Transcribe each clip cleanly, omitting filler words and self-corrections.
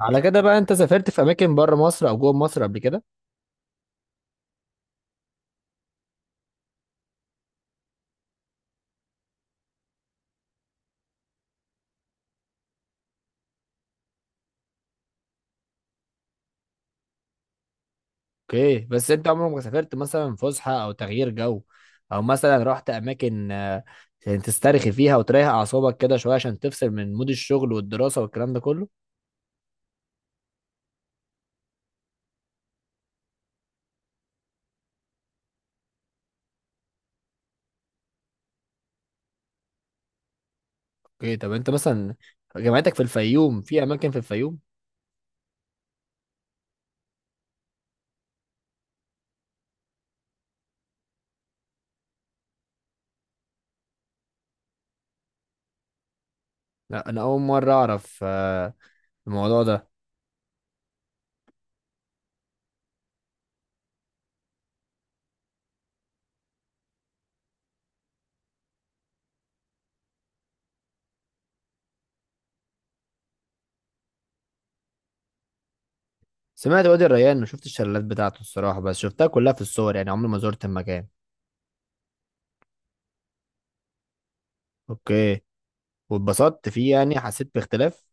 على كده بقى انت سافرت في اماكن بره مصر او جوه مصر قبل كده؟ اوكي، بس انت عمرك ما سافرت مثلا فسحه او تغيير جو او مثلا رحت اماكن عشان تسترخي فيها وتريح اعصابك كده شويه عشان تفصل من مود الشغل والدراسه والكلام ده كله؟ اوكي، طب انت مثلا جامعتك في الفيوم، في اماكن في الفيوم؟ لا، انا اول مره اعرف الموضوع ده. سمعت وادي الريان، ما شفت الشلالات بتاعته الصراحه، بس شفتها كلها في الصور، يعني عمري ما زرت المكان. اوكي، واتبسطت فيه يعني؟ حسيت باختلاف؟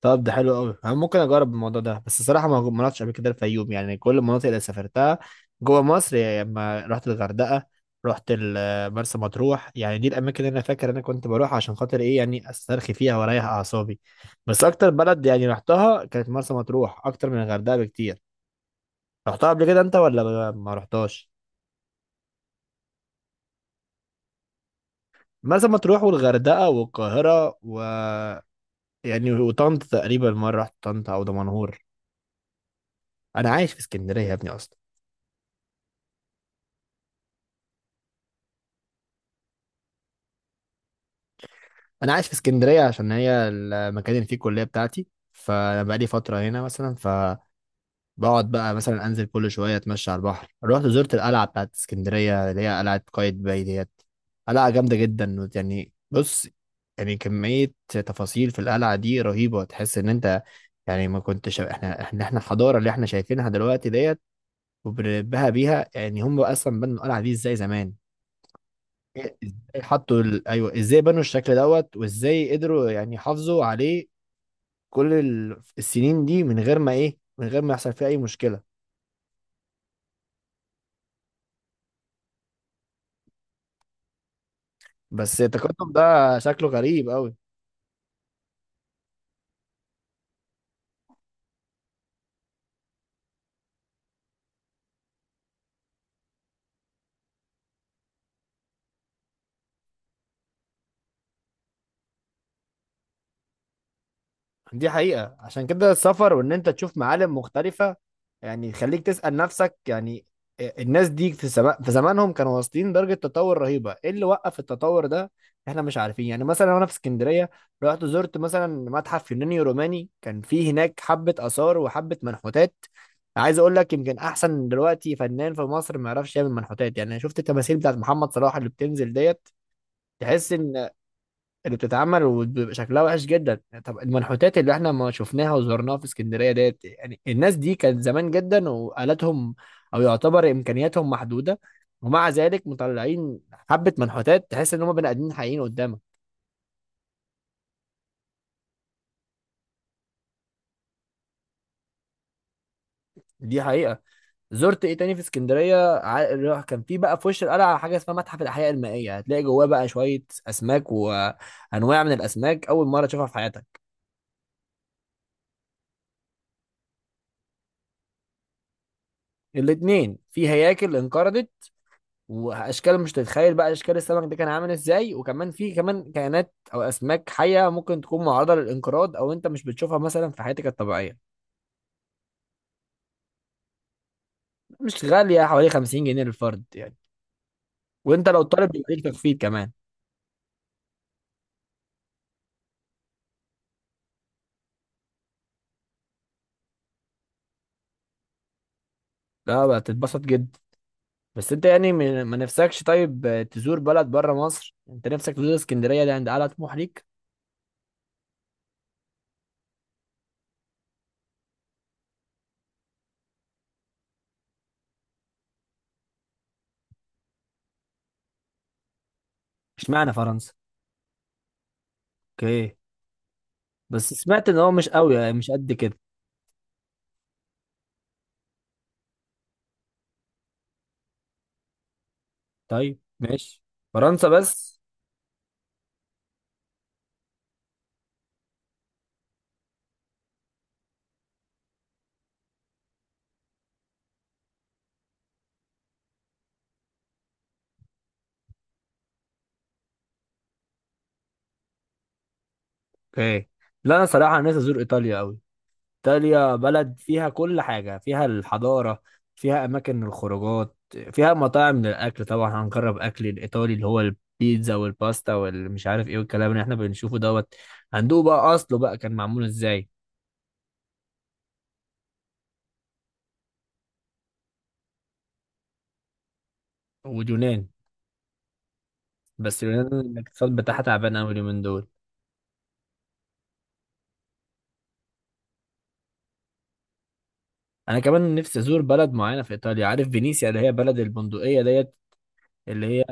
طب ده حلو قوي، انا ممكن اجرب الموضوع ده، بس الصراحه ما رحتش قبل كده الفيوم، يعني كل المناطق اللي سافرتها جوه مصر، يعني لما رحت الغردقه، رحت مرسى مطروح، يعني دي الاماكن اللي انا فاكر انا كنت بروح عشان خاطر ايه، يعني استرخي فيها واريح اعصابي. بس اكتر بلد يعني رحتها كانت مرسى مطروح، اكتر من الغردقه بكتير. رحتها قبل كده انت ولا ما رحتهاش؟ مرسى مطروح والغردقه والقاهره يعني وطنطا، تقريبا مره رحت طنطا او دمنهور. انا عايش في اسكندريه يا ابني اصلا. انا عايش في اسكندريه عشان هي المكان اللي فيه الكليه بتاعتي، فانا بقالي فتره هنا مثلا، فبقعد بقى مثلا انزل كل شويه اتمشى على البحر، رحت زرت القلعه بتاعت اسكندريه اللي هي قلعه قايتباي ديت. قلعه جامده جدا يعني، بص يعني كميه تفاصيل في القلعه دي رهيبه، تحس ان انت يعني ما كنتش، احنا الحضاره اللي احنا شايفينها دلوقتي ديت وبنبهى بيها، يعني هم اصلا بنوا القلعه دي ازاي زمان؟ إزاي حطوا ايوه، ازاي بنوا الشكل دوت وازاي قدروا يعني يحافظوا عليه كل السنين دي من غير ما ايه، من غير ما يحصل فيه اي مشكلة. بس التقدم ده شكله غريب قوي. دي حقيقة، عشان كده السفر وان انت تشوف معالم مختلفة يعني يخليك تسأل نفسك، يعني الناس دي في زمانهم كانوا واصلين درجة تطور رهيبة. ايه اللي وقف التطور ده؟ احنا مش عارفين. يعني مثلا وانا في اسكندرية رحت زرت مثلا متحف يوناني روماني، كان فيه هناك حبة آثار وحبة منحوتات. عايز اقول لك يمكن احسن دلوقتي فنان في مصر ما يعرفش يعمل منحوتات، يعني أنا شفت التماثيل بتاعت محمد صلاح اللي بتنزل ديت، تحس ان اللي بتتعمل وبيبقى شكلها وحش جدا. طب المنحوتات اللي احنا ما شفناها وزرناها في اسكندريه ديت، يعني الناس دي كانت زمان جدا وآلاتهم او يعتبر امكانياتهم محدوده، ومع ذلك مطلعين حبه منحوتات تحس ان هم بني ادمين حقيقيين قدامك. دي حقيقه. زرت ايه تاني في اسكندريه، اللي كان في بقى في وش القلعه حاجه اسمها متحف الاحياء المائيه، هتلاقي جواه بقى شويه اسماك وانواع من الاسماك اول مره تشوفها في حياتك. الاتنين، في هياكل انقرضت واشكال مش تتخيل بقى اشكال السمك ده كان عامل ازاي، وكمان في كمان كائنات او اسماك حيه ممكن تكون معرضه للانقراض او انت مش بتشوفها مثلا في حياتك الطبيعيه. مش غاليه، حوالي 50 جنيه للفرد يعني، وانت لو طالب بيديك تخفيض كمان. لا بقى، تتبسط جدا. بس انت يعني ما نفسكش طيب تزور بلد بره مصر؟ انت نفسك تزور اسكندريه، ده عند اعلى طموح ليك؟ اشمعنى فرنسا؟ اوكي. بس سمعت ان هو مش قوي، يعني مش قد كده. طيب ماشي، فرنسا بس. اوكي، لا انا صراحه نفسي ازور ايطاليا قوي. إيطاليا بلد فيها كل حاجة، فيها الحضارة، فيها أماكن الخروجات، فيها مطاعم للأكل. طبعا هنجرب أكل الإيطالي اللي هو البيتزا والباستا والمش عارف إيه والكلام اللي إحنا بنشوفه دوت، هندوق بقى أصله بقى كان معمول إزاي. واليونان، بس اليونان الاقتصاد بتاعها تعبان أوي اليومين دول. أنا كمان نفسي أزور بلد معينة في إيطاليا، عارف فينيسيا اللي هي بلد البندقية ديت، اللي هي،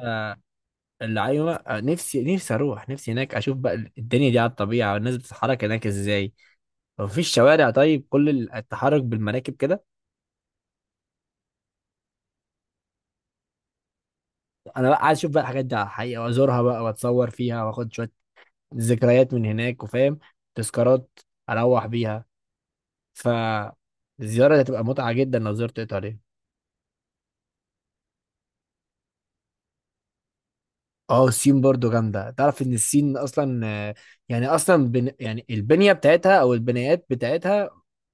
اللي أيوة، نفسي أروح، نفسي هناك أشوف بقى الدنيا دي على الطبيعة والناس بتتحرك هناك إزاي. مفيش شوارع طيب، كل التحرك بالمراكب كده. انا بقى عايز اشوف بقى الحاجات دي على الحقيقه وازورها بقى واتصور فيها واخد شويه ذكريات من هناك وفاهم، تذكارات اروح بيها. فالزياره دي هتبقى متعه جدا لو زرت ايطاليا. اه، الصين برضو جامدة. تعرف ان الصين اصلا يعني اصلا يعني البنية بتاعتها او البنايات بتاعتها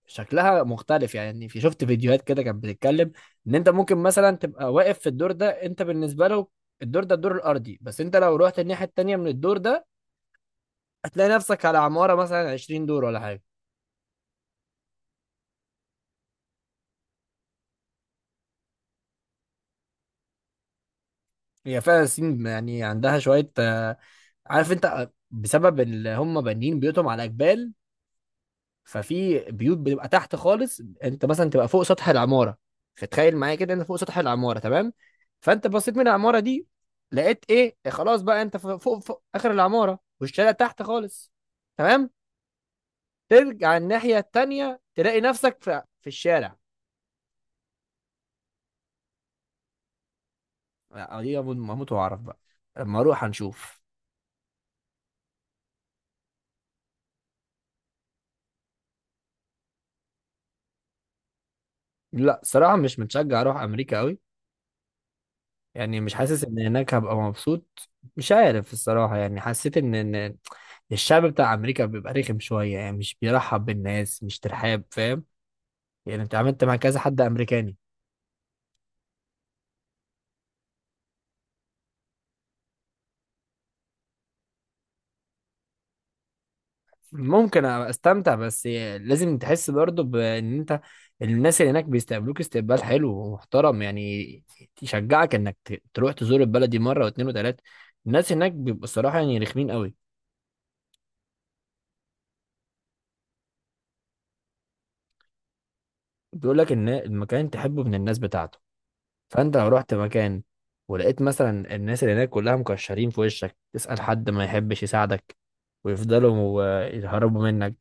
شكلها مختلف؟ يعني في، شفت فيديوهات كده كانت بتتكلم ان انت ممكن مثلا تبقى واقف في الدور ده، انت بالنسبة له الدور ده الدور الارضي، بس انت لو رحت الناحية التانية من الدور ده هتلاقي نفسك على عمارة مثلا 20 دور ولا حاجة. هي فعلا الصين يعني عندها شوية، عارف انت، بسبب اللي هم بانيين بيوتهم على جبال. ففي بيوت بتبقى تحت خالص، انت مثلا تبقى فوق سطح العماره. فتخيل معايا كده، انت فوق سطح العماره، تمام؟ فانت بصيت من العماره دي لقيت ايه؟ خلاص بقى انت فوق, اخر العماره والشارع تحت خالص، تمام؟ ترجع الناحيه التانيه تلاقي نفسك في الشارع. لا، دي هموت هموت واعرف بقى لما اروح هنشوف. لا صراحه مش متشجع اروح امريكا قوي، يعني مش حاسس ان هناك هبقى مبسوط. مش عارف الصراحة، يعني حسيت ان الشعب بتاع امريكا بيبقى رخم شوية، يعني مش بيرحب بالناس، مش ترحاب، فاهم؟ يعني انت عملت مع كذا حد امريكاني. ممكن أبقى استمتع، بس لازم تحس برضو بان انت الناس اللي هناك بيستقبلوك استقبال حلو ومحترم يعني، يشجعك انك تروح تزور البلد دي مرة واتنين وتلاتة. الناس هناك بيبقوا الصراحة يعني رخمين قوي. بيقول لك ان المكان تحبه من الناس بتاعته، فانت لو رحت مكان ولقيت مثلا الناس اللي هناك كلها مكشرين في وشك، تسأل حد ما يحبش يساعدك، ويفضلوا يهربوا منك،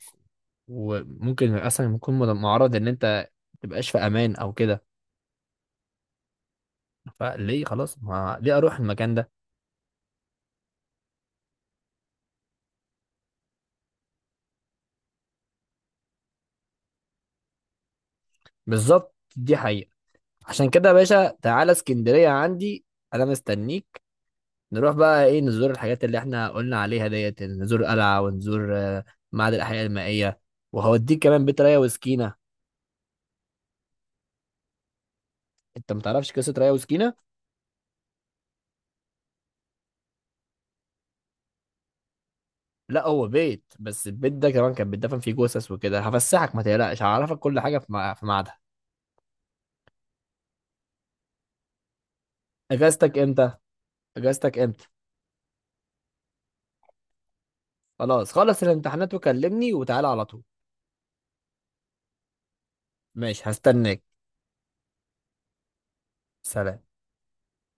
وممكن اصلا يكون معرض ان انت متبقاش في امان او كده. فليه خلاص، ما ليه اروح المكان ده. بالظبط، دي حقيقة. عشان كده يا باشا، تعالى اسكندرية عندي، انا مستنيك. نروح بقى ايه، نزور الحاجات اللي احنا قلنا عليها ديت، نزور قلعة ونزور معهد الاحياء المائية، وهوديك كمان بيت ريا وسكينة. انت متعرفش قصة ريا وسكينة؟ لا، هو بيت، بس البيت ده كمان كان بيتدفن فيه جثث وكده. هفسحك ما تقلقش، هعرفك كل حاجه في في ميعادها. اجازتك امتى؟ اجازتك امتى؟ خلاص، خلص الامتحانات وكلمني وتعالى على طول. ماشي، هستناك. سلام.